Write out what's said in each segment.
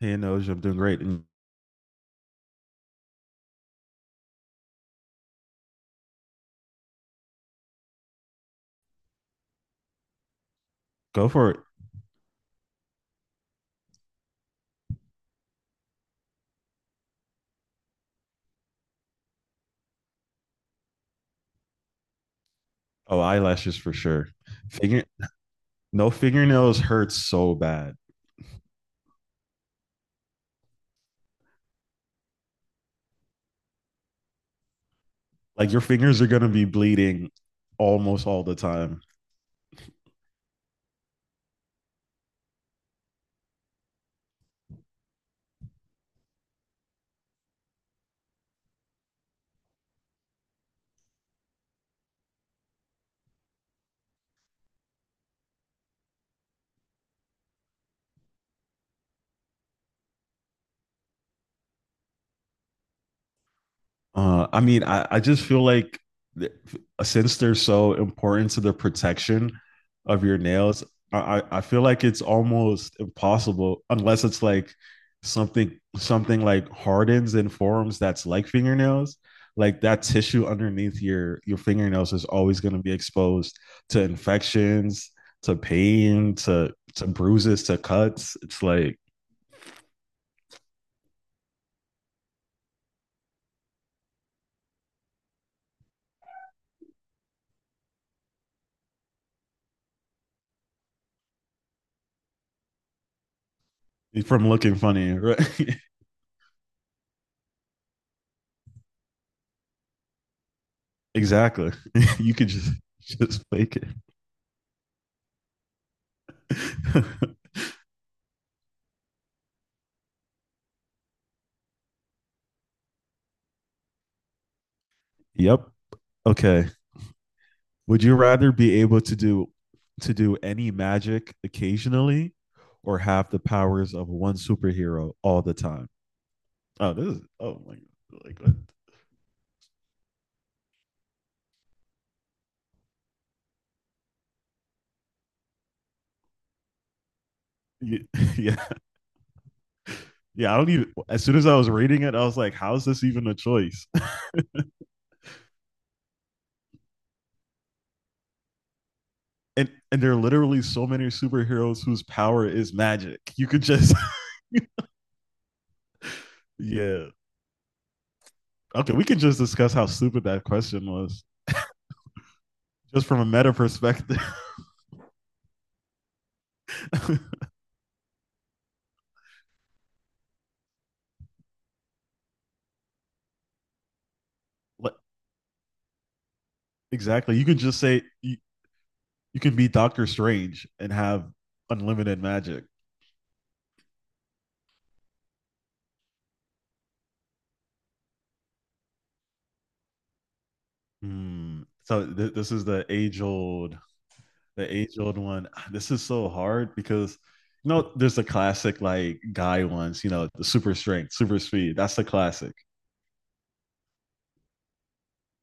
Hey, nose, I'm doing great. And go for it. Oh, eyelashes for sure. Finger, no fingernails hurt so bad. Like your fingers are gonna be bleeding almost all the time. I mean, I just feel like th- since they're so important to the protection of your nails, I feel like it's almost impossible unless it's like something like hardens and forms that's like fingernails. Like that tissue underneath your fingernails is always going to be exposed to infections, to pain, to bruises, to cuts. It's like from looking funny, right? Exactly. You could just fake it. Yep. Okay. Would you rather be able to do any magic occasionally or have the powers of one superhero all the time? Oh, this is oh my like what? Ye- yeah yeah, I don't even, as soon as I was reading it I was like, how is this even a choice? And there are literally so many superheroes whose power is magic, you could just yeah, okay, we can just discuss how stupid that question was, just from a meta perspective. Exactly, you could just say you can be Doctor Strange and have unlimited magic. Hmm. So this is the age old one. Ah, this is so hard because you know there's the classic like guy ones. You know, the super strength, super speed. That's the classic.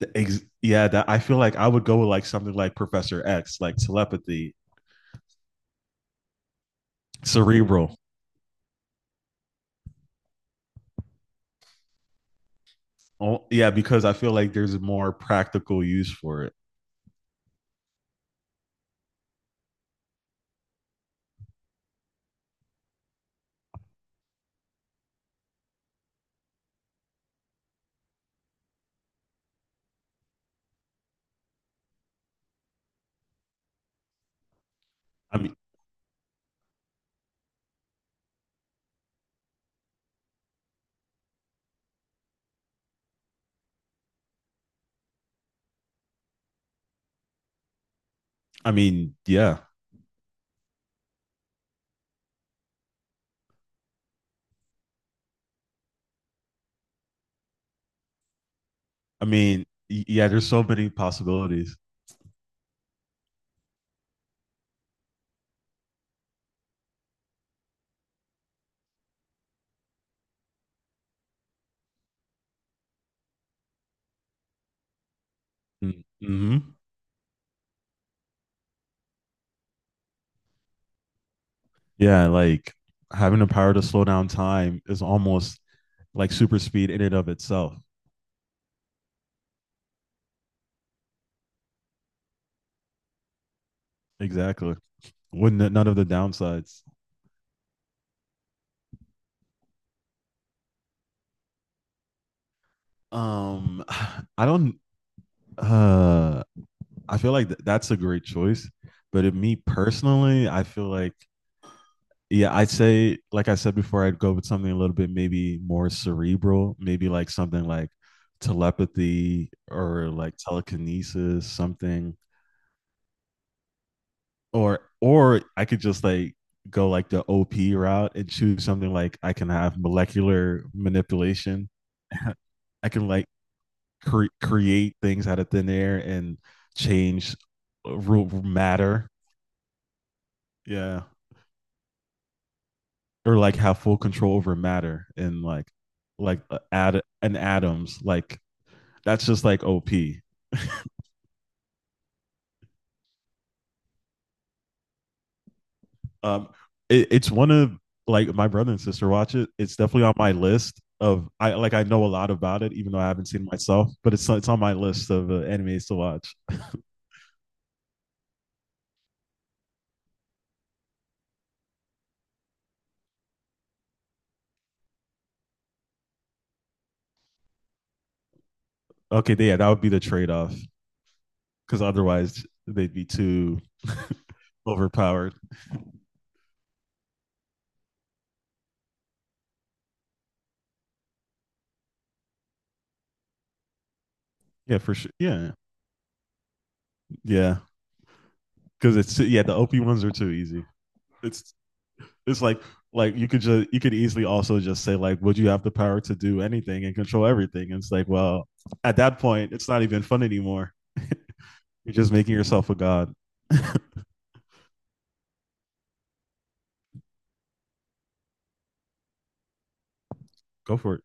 Yeah, that, I feel like I would go with like something like Professor X, like telepathy, cerebral. Oh, yeah, because I feel like there's more practical use for it. I mean, I mean, yeah, I mean, yeah. There's so many possibilities. Mm-hmm. Yeah, like having the power to slow down time is almost like super speed in and of itself. Exactly. With none of the downsides. Um, I don't. Uh, I feel like that's a great choice, but me personally, I feel like yeah, I'd say like I said before, I'd go with something a little bit maybe more cerebral, maybe like something like telepathy or like telekinesis, something or I could just like go like the OP route and choose something like I can have molecular manipulation. I can like create things out of thin air and change matter. Yeah, or like have full control over matter and like add an atoms. Like that's just like OP. Um, it's one of like my brother and sister watch it. It's definitely on my list of I like I know a lot about it, even though I haven't seen it myself. But it's on my list of animes to watch. Okay, yeah, that would be the trade off because otherwise they'd be too overpowered. Yeah, for sure. Yeah. Yeah, because it's yeah the OP ones are too easy. It's it's like you could just you could easily also just say like, would you have the power to do anything and control everything? And it's like, well, at that point it's not even fun anymore. You're just making yourself a god. Go for it.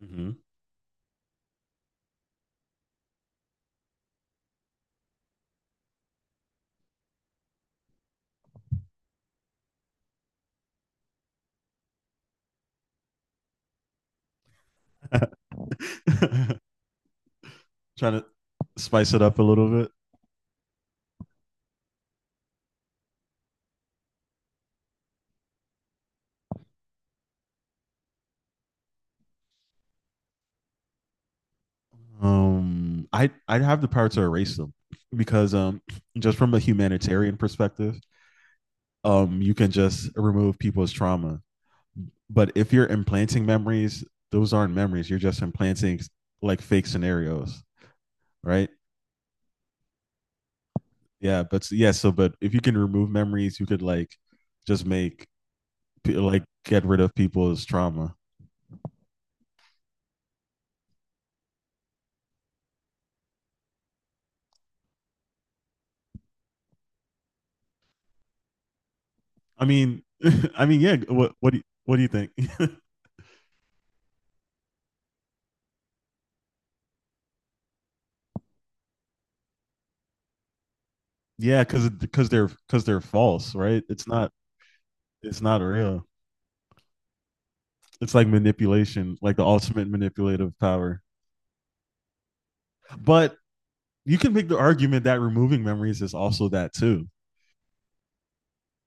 Mm-hmm. Trying to spice it up a little bit. Um, I'd have the power to erase them, because um, just from a humanitarian perspective, um, you can just remove people's trauma. But if you're implanting memories, those aren't memories. You're just implanting like fake scenarios, right? Yeah, but yeah, so but if you can remove memories, you could like just make like get rid of people's trauma. I mean, I mean, yeah. What do you, what do you think? Yeah, because because they're false, right? It's not real. It's like manipulation, like the ultimate manipulative power. But you can make the argument that removing memories is also that too,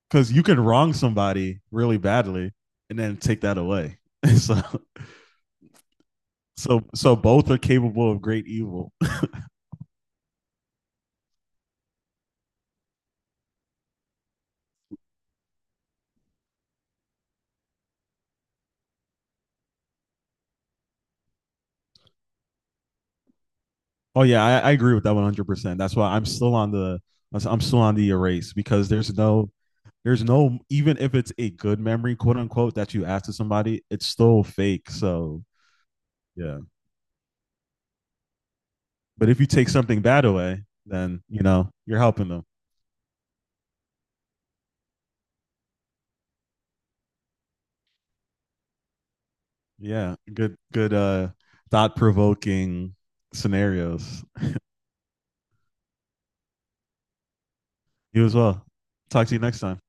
because you can wrong somebody really badly and then take that away. so, so both are capable of great evil. Oh yeah, I agree with that 100%. That's why I'm still on the I'm still on the erase, because there's there's no, even if it's a good memory, quote unquote, that you ask to somebody, it's still fake. So yeah, but if you take something bad away, then you know you're helping them. Yeah, good, thought provoking scenarios. You as well. Talk to you next time.